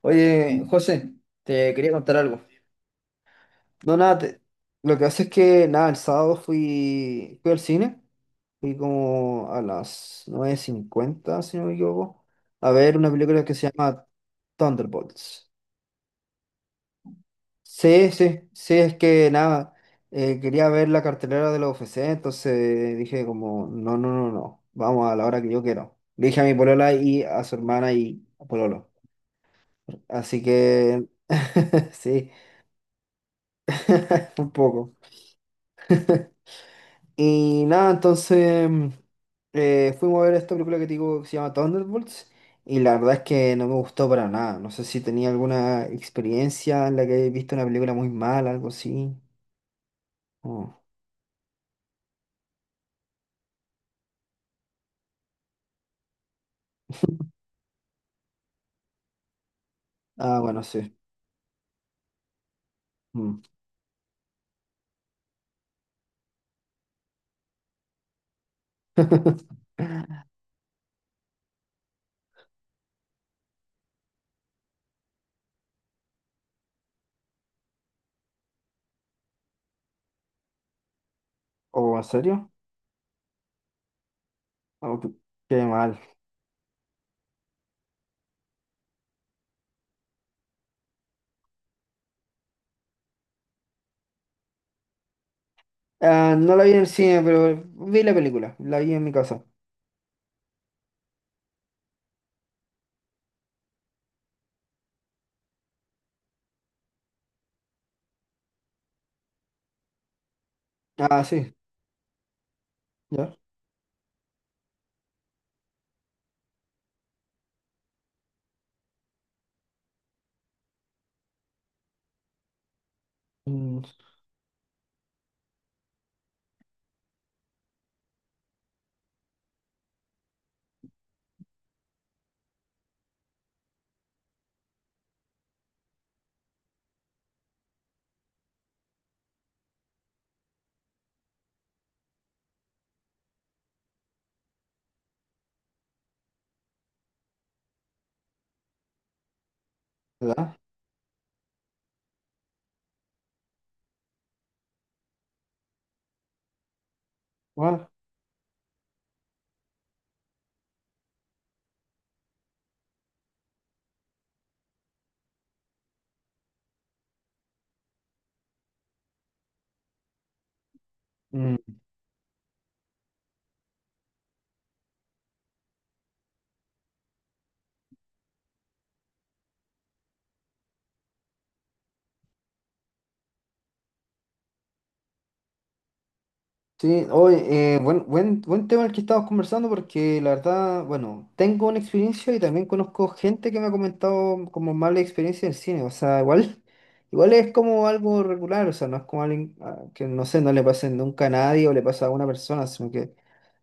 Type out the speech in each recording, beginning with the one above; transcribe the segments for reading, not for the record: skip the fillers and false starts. Oye, José, te quería contar algo. No, nada, lo que hace es que, nada, el sábado fui al cine, fui como a las 9:50, si no me equivoco, a ver una película que se llama Thunderbolts. Sí, sí, sí, es que, nada, quería ver la cartelera de la U F C, entonces dije como, no, no, no, no, vamos a la hora que yo quiero. Le dije a mi polola y a su hermana y a Pololo. Así que, sí, un poco. Y nada, entonces fuimos a ver esta película que te digo que se llama Thunderbolts, y la verdad es que no me gustó para nada. No sé si tenía alguna experiencia en la que he visto una película muy mala, algo así. Oh. Ah, bueno, sí. Mm. ¿O en serio? Oh, qué mal. Ah, no la vi en el cine, pero vi la película, la vi en mi casa. Ah, sí, ya. Mm. ¿Verdad? Bueno. Sí, hoy buen tema el que estamos conversando, porque la verdad, bueno, tengo una experiencia y también conozco gente que me ha comentado como mala experiencia en cine. O sea, igual, igual es como algo regular, o sea, no es como alguien, ah, que no sé, no le pase nunca a nadie o le pasa a una persona, sino que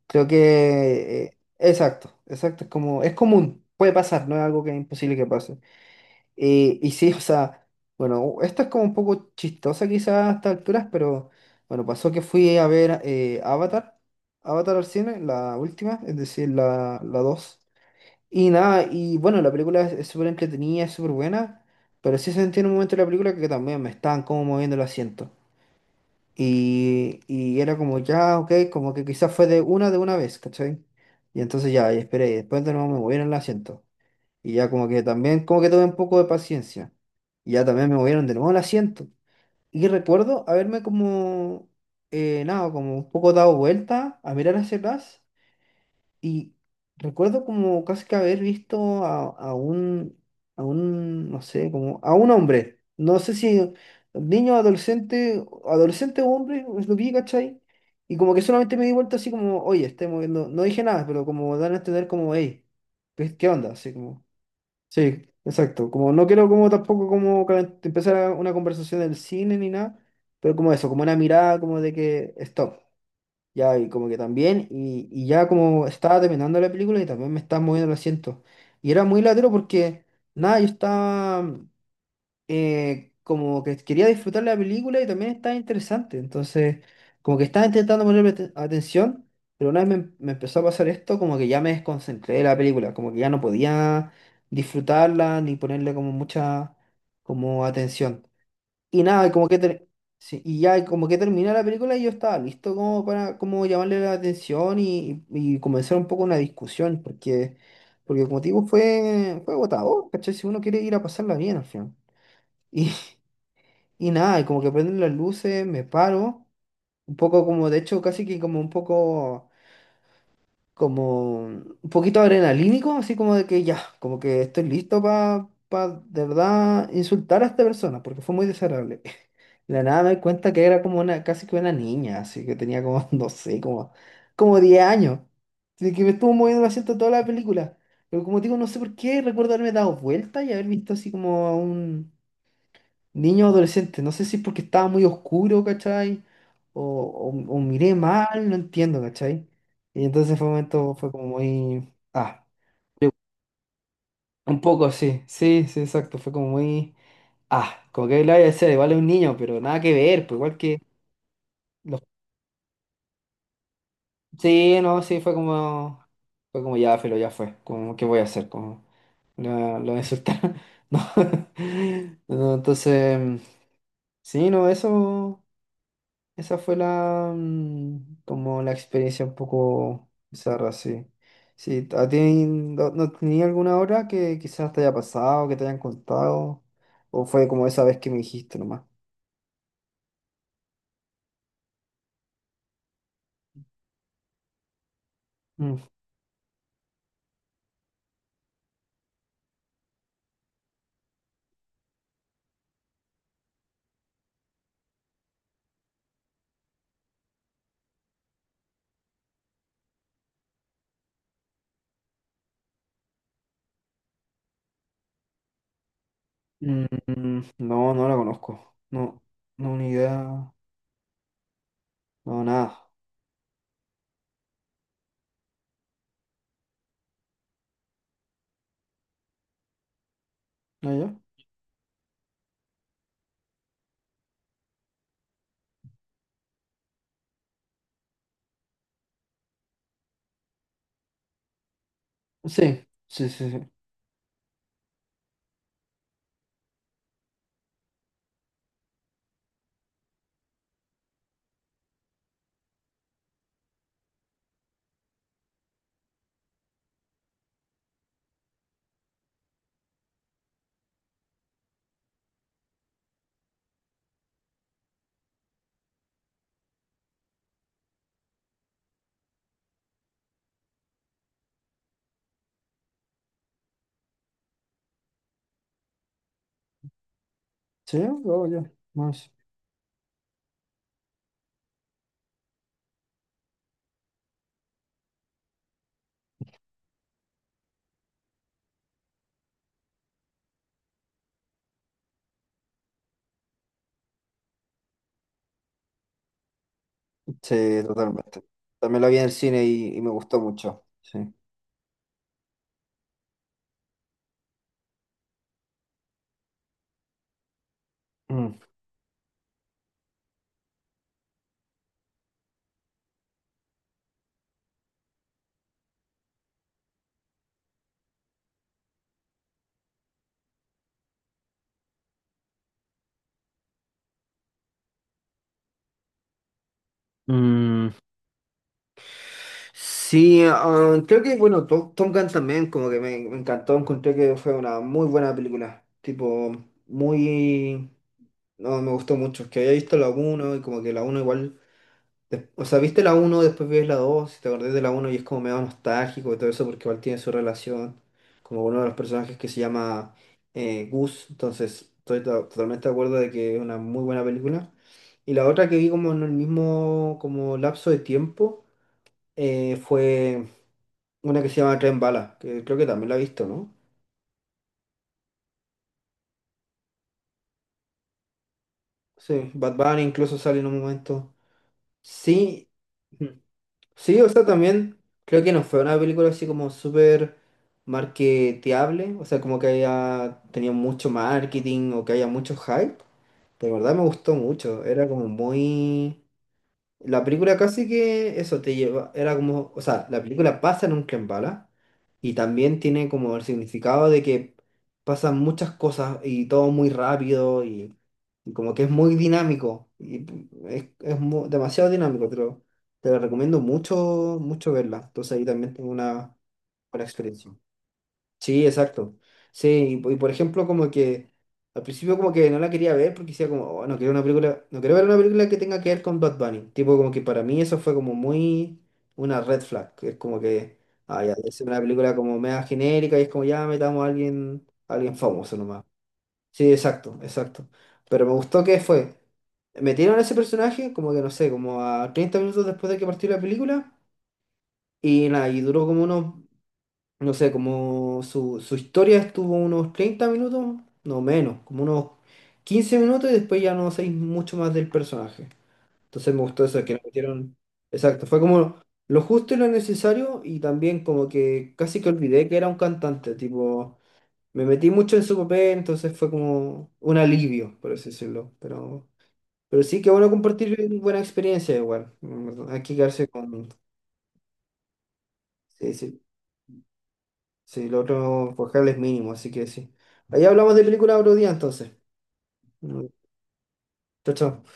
creo que, exacto, exacto, es como, es común, puede pasar, no es algo que es imposible que pase. Y sí, o sea, bueno, esto es como un poco chistosa quizás a estas alturas, pero bueno, pasó que fui a ver Avatar, Avatar al cine, la última, es decir, la dos. Y nada, y bueno, la película es súper entretenida, es súper buena, pero sí sentí en un momento de la película que también me estaban como moviendo el asiento. Y era como ya, ok, como que quizás fue de una vez, ¿cachai? Y entonces ya, y esperé, y después de nuevo me movieron el asiento. Y ya como que también, como que tuve un poco de paciencia. Y ya también me movieron de nuevo el asiento. Y recuerdo haberme como, nada, como un poco dado vuelta a mirar hacia atrás. Y recuerdo como casi que haber visto a, a un, no sé, como a un hombre. No sé si niño, adolescente, adolescente o hombre, es lo vi, ¿cachai? Y como que solamente me di vuelta así como, oye, estoy moviendo. No dije nada, pero como dan a entender como, hey, ¿qué onda. Así como... Sí, exacto. Como no quiero como tampoco como una conversación del cine ni nada, pero como eso, como una mirada como de que stop. Ya, y como que también, y ya como estaba terminando la película y también me estaba moviendo el asiento. Y era muy latero porque, nada, yo estaba, como que quería disfrutar la película y también estaba interesante. Entonces, como que estaba intentando ponerme atención, pero una vez me empezó a pasar esto, como que ya me desconcentré de la película, como que ya no podía disfrutarla ni ponerle como mucha como atención. Y nada, y como que sí, y ya como que terminé la película y yo estaba listo como para como llamarle la atención y comenzar un poco una discusión. Porque, porque como te digo, fue, fue agotador, ¿cachai? Si uno quiere ir a pasarla bien al final. Y, y nada, y como que prenden las luces, me paro. Un poco como, de hecho, casi que como un poco, como un poquito adrenalínico, así como de que ya, como que estoy listo para, de verdad, insultar a esta persona, porque fue muy desagradable. De la nada me di cuenta que era como una, casi que una niña, así que tenía como, no sé, como, como 10 años. Así que me estuvo moviendo el asiento toda la película. Pero como digo, no sé por qué recuerdo haberme dado vuelta y haber visto así como a un niño adolescente, no sé si es porque estaba muy oscuro, ¿cachai? O miré mal, no entiendo, ¿cachai? Y entonces fue un momento, fue como muy... Ah, un poco, sí, sí, sí, exacto, fue como muy... Ah, como que lo voy a decir, igual es un niño, pero nada que ver, pues igual que... Los... Sí, no, sí, fue como... Fue como ya, Felo, ya fue, como, ¿qué voy a hacer? Como, lo voy a insultar. No. No, entonces, sí, no, eso... Esa fue como la experiencia un poco bizarra, sí. Sí, ¿a ti no, no tenía alguna hora que quizás te haya pasado, que te hayan contado? ¿O fue como esa vez que me dijiste nomás? Mm, mm, no, no la conozco. No, no, ni idea. No, nada. ¿No yo? Sí, sí, sí, sí. Sí, yo, yo. No, sí. Sí, totalmente. También la vi en el cine y me gustó mucho. Sí. Mm. Mm, sí, creo que, bueno, Tom Gunn también, como que me encantó, encontré que fue una muy buena película, tipo, muy... No, me gustó mucho, que había visto la uno y como que la uno igual... O sea, viste la uno, después ves la 2, y te acordás de la uno y es como medio nostálgico y todo eso porque igual tiene su relación, como uno de los personajes que se llama Gus. Entonces estoy totalmente de acuerdo de que es una muy buena película. Y la otra que vi como en el mismo como lapso de tiempo fue una que se llama Tren Bala, que creo que también la he visto, ¿no? Sí, Bad Bunny incluso sale en un momento. Sí, ujú. Sí, o sea, también creo que no fue una película así como súper marketeable, o sea, como que haya tenido mucho marketing o que haya mucho hype. De verdad me gustó mucho, era como muy... La película casi que eso te lleva, era como, o sea, la película pasa en un tren bala y también tiene como el significado de que pasan muchas cosas y todo muy rápido y como que es muy dinámico y es demasiado dinámico, pero te la recomiendo mucho, mucho verla. Entonces ahí también tengo una buena experiencia. Sí, exacto. Sí, y por ejemplo, como que al principio como que no la quería ver porque decía como, "Oh, no quiero una película, no quiero ver una película que tenga que ver con Bad Bunny". Tipo, como que para mí eso fue como muy una red flag. Que es como que, ah, ya, es una película como media genérica y es como, ya, metamos a alguien famoso nomás. Sí, exacto, exacto. Pero me gustó que fue, metieron a ese personaje como que, no sé, como a 30 minutos después de que partió la película, y nada, y, duró como unos no sé, como su historia estuvo unos 30 minutos, no menos, como unos 15 minutos, y después ya no sé mucho más del personaje. Entonces me gustó eso, que lo metieron. Exacto, fue como lo justo y lo necesario y también como que casi que olvidé que era un cantante, tipo, me metí mucho en su papel, entonces fue como un alivio, por así decirlo. Pero, sí, que bueno compartir buena experiencia igual. Hay que quedarse con... Sí, sí. Sí, lo otro por cable es mínimo, así que sí. Ahí hablamos de película otro día, entonces. Mm. Chao, chao.